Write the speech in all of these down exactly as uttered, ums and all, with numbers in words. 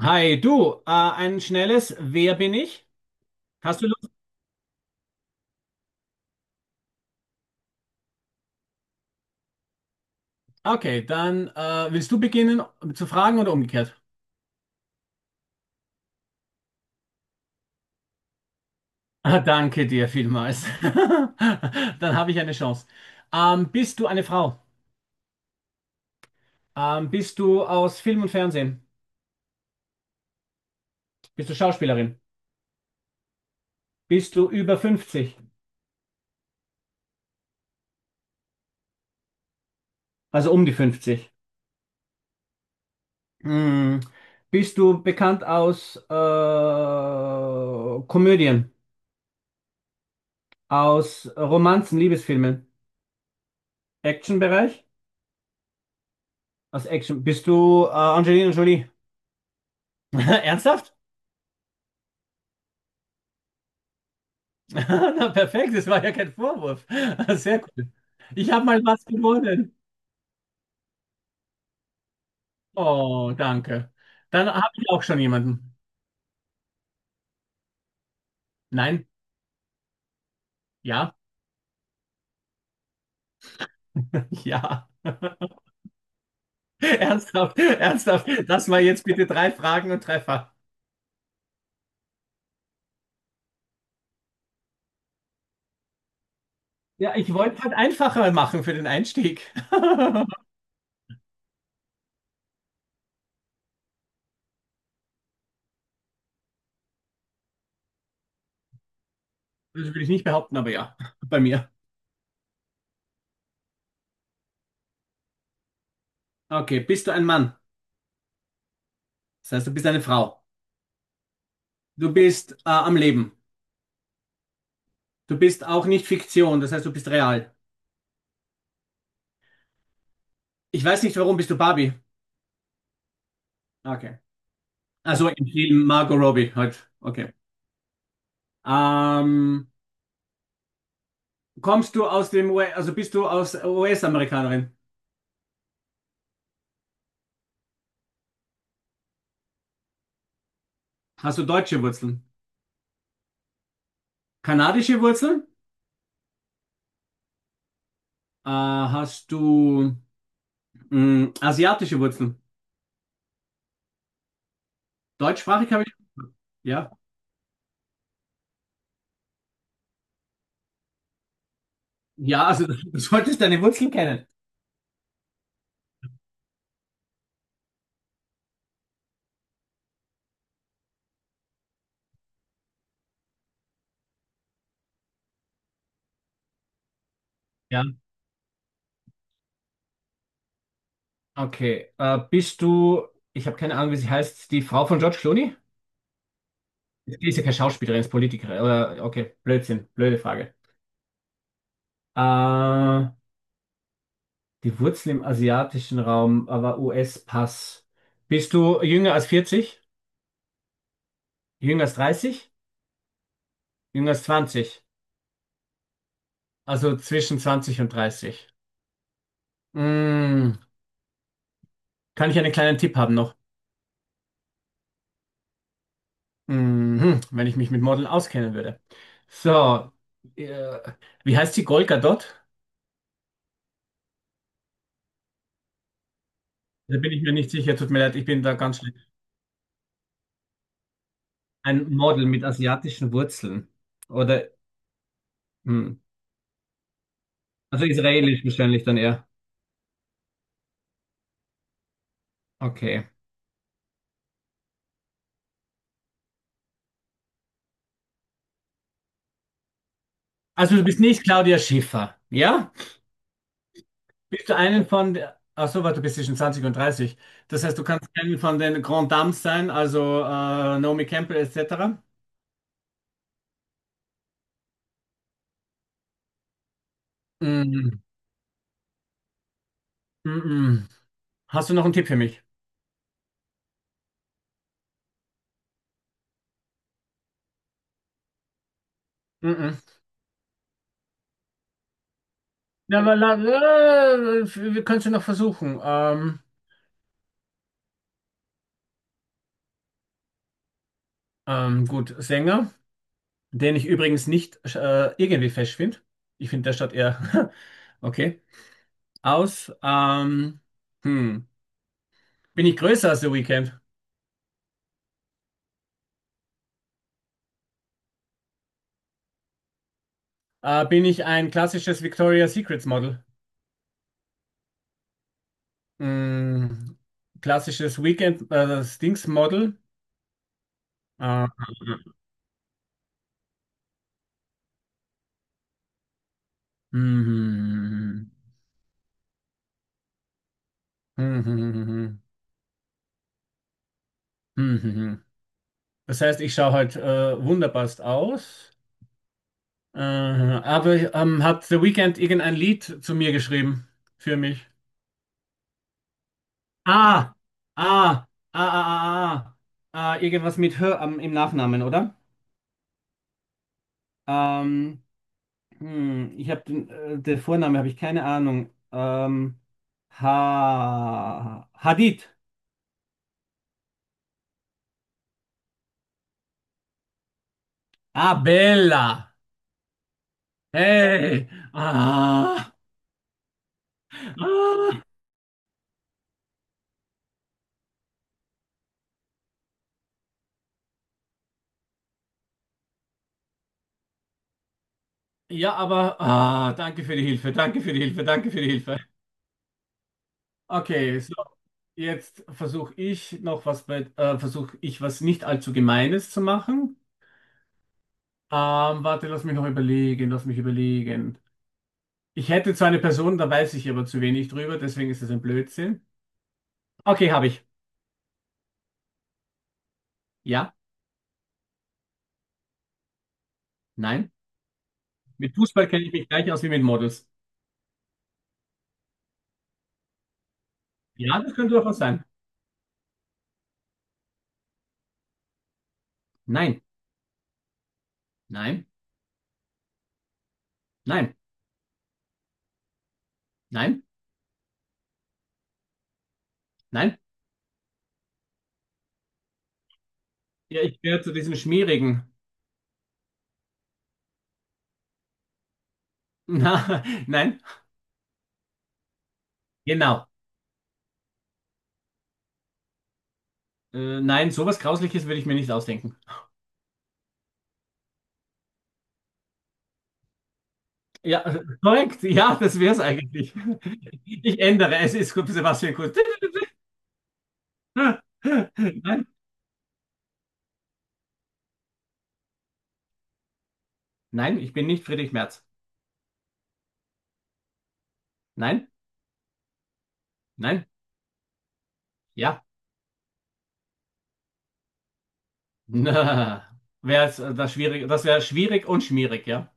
Hi, du, äh, ein schnelles Wer bin ich? Hast du Lust? Okay, dann äh, willst du beginnen um zu fragen oder umgekehrt? Ah, danke dir vielmals. Dann habe ich eine Chance. Ähm, bist du eine Frau? Ähm, bist du aus Film und Fernsehen? Bist du Schauspielerin? Bist du über fünfzig? Also um die fünfzig? Hm. Bist du bekannt aus äh, Komödien, aus Romanzen, Liebesfilmen, Actionbereich? Als Action. Bist du äh, Angelina Jolie? Ernsthaft? Na, perfekt, das war ja kein Vorwurf. Sehr cool. Ich habe mal was gewonnen. Oh, danke. Dann habe ich auch schon jemanden. Nein? Ja? Ja. Ernsthaft, ernsthaft. Lass mal jetzt bitte drei Fragen und Treffer. Ja, ich wollte halt einfacher machen für den Einstieg. Das will ich nicht behaupten, aber ja, bei mir. Okay, bist du ein Mann? Das heißt, du bist eine Frau. Du bist äh, am Leben. Du bist auch nicht Fiktion, das heißt, du bist real. Ich weiß nicht, warum bist du Barbie? Okay. Also im Film Margot Robbie halt. Okay. Ähm, kommst du aus dem U S, also bist du aus U S-Amerikanerin? Hast du deutsche Wurzeln? Kanadische Wurzeln? Äh, hast du mh, asiatische Wurzeln? Deutschsprachig habe ich. Ja. Ja, also du solltest deine Wurzeln kennen. Ja. Okay. Äh, bist du, ich habe keine Ahnung, wie sie heißt, die Frau von George Clooney? Die ist ja keine Schauspielerin, ist Politikerin. Oder, okay, Blödsinn, blöde Frage. Äh, Die Wurzel im asiatischen Raum, aber U S-Pass. Bist du jünger als vierzig? Jünger als dreißig? Jünger als zwanzig? Also zwischen zwanzig und dreißig. Mm, kann ich einen kleinen Tipp haben noch? Mhm, wenn ich mich mit Modeln auskennen würde. So, äh, wie heißt die Golga Gadot? Da bin ich mir nicht sicher, tut mir leid, ich bin da ganz schlecht. Ein Model mit asiatischen Wurzeln. Oder. Hm, also israelisch wahrscheinlich dann eher. Okay. Also du bist nicht Claudia Schiffer, ja? Bist du einen von, ach so, warte, du bist zwischen zwanzig und dreißig. Das heißt, du kannst einen von den Grand Dames sein, also äh, Naomi Campbell et cetera. Mm, mm, mm. Hast du noch einen Tipp für mich? Mm, mm. Ja, aber la, la, wir können es ja noch versuchen. Ähm, ähm, gut, Sänger, den ich übrigens nicht äh, irgendwie fesch finde. Ich finde, der statt eher okay. Aus, ähm, hm. Bin ich größer als The Weeknd? Äh, bin ich ein klassisches Victoria's Secrets Model? Mm, klassisches Weekend, äh, das Dings Model? Äh, mhm. Mhm. Mhm. Das heißt, ich schaue halt äh, wunderbarst aus. Äh, aber ähm, hat The Weeknd irgendein Lied zu mir geschrieben? Für mich? Ah, ah, ah, ah, ah, ah. Ah, irgendwas mit Hör am- im Nachnamen, oder? Ähm, Hm, ich habe den, äh, der Vorname habe ich keine Ahnung. Ähm, ha Hadid. Ah, Bella. Hey. Ah. Ah. Ja, aber ah, danke für die Hilfe, danke für die Hilfe, danke für die Hilfe. Okay, so, jetzt versuche ich noch was bei, äh, versuche ich was nicht allzu Gemeines zu machen. Ähm, warte, lass mich noch überlegen, lass mich überlegen. Ich hätte zwar eine Person, da weiß ich aber zu wenig drüber, deswegen ist es ein Blödsinn. Okay, habe ich. Ja. Nein. Mit Fußball kenne ich mich gleich aus wie mit Models. Ja, das könnte doch was sein. Nein, nein, nein, nein, nein. Ja, ich gehöre zu diesem schmierigen. Na, nein, genau. Äh, nein, sowas Grausliches würde ich mir nicht ausdenken. Ja, äh, korrekt. Ja, das wäre es eigentlich. Ich ändere. Es ist gut, Sebastian Kurz. Nein, nein, ich bin nicht Friedrich Merz. Nein, nein, ja. Na, wär's, äh, das schwierig, das wäre schwierig und schmierig, ja.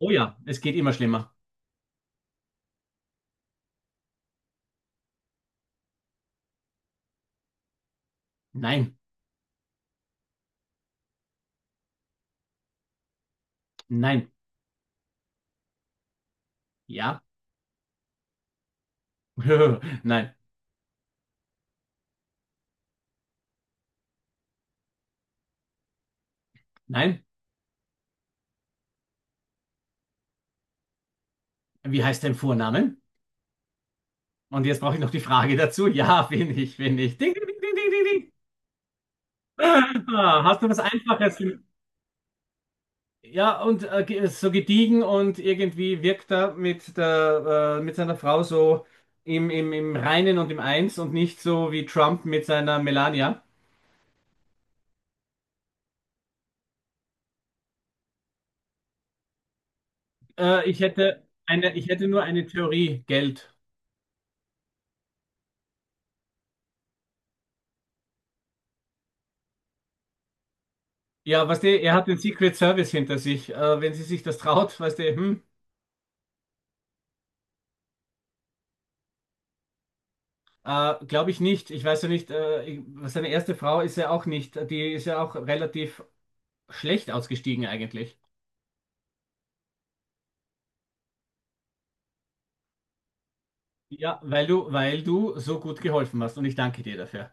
Oh ja, es geht immer schlimmer. Nein. Nein. Ja. Nein. Nein. Wie heißt dein Vorname? Und jetzt brauche ich noch die Frage dazu. Ja, bin ich, bin ich. Ding, ding, ding, ding, ding, ding, ding. Ah, hast du was Einfaches? Ja, und äh, ge- äh, so gediegen und irgendwie wirkt er mit der, äh, mit seiner Frau so im, im, im Reinen und im Eins und nicht so wie Trump mit seiner Melania. Äh, ich hätte eine, ich hätte nur eine Theorie, Geld. Ja, weißt du, er hat den Secret Service hinter sich. Äh, wenn sie sich das traut, weißt du, hm. Äh, glaube ich nicht. Ich weiß ja nicht, äh, ich, seine erste Frau ist ja auch nicht, die ist ja auch relativ schlecht ausgestiegen eigentlich. Ja, weil du, weil du so gut geholfen hast und ich danke dir dafür.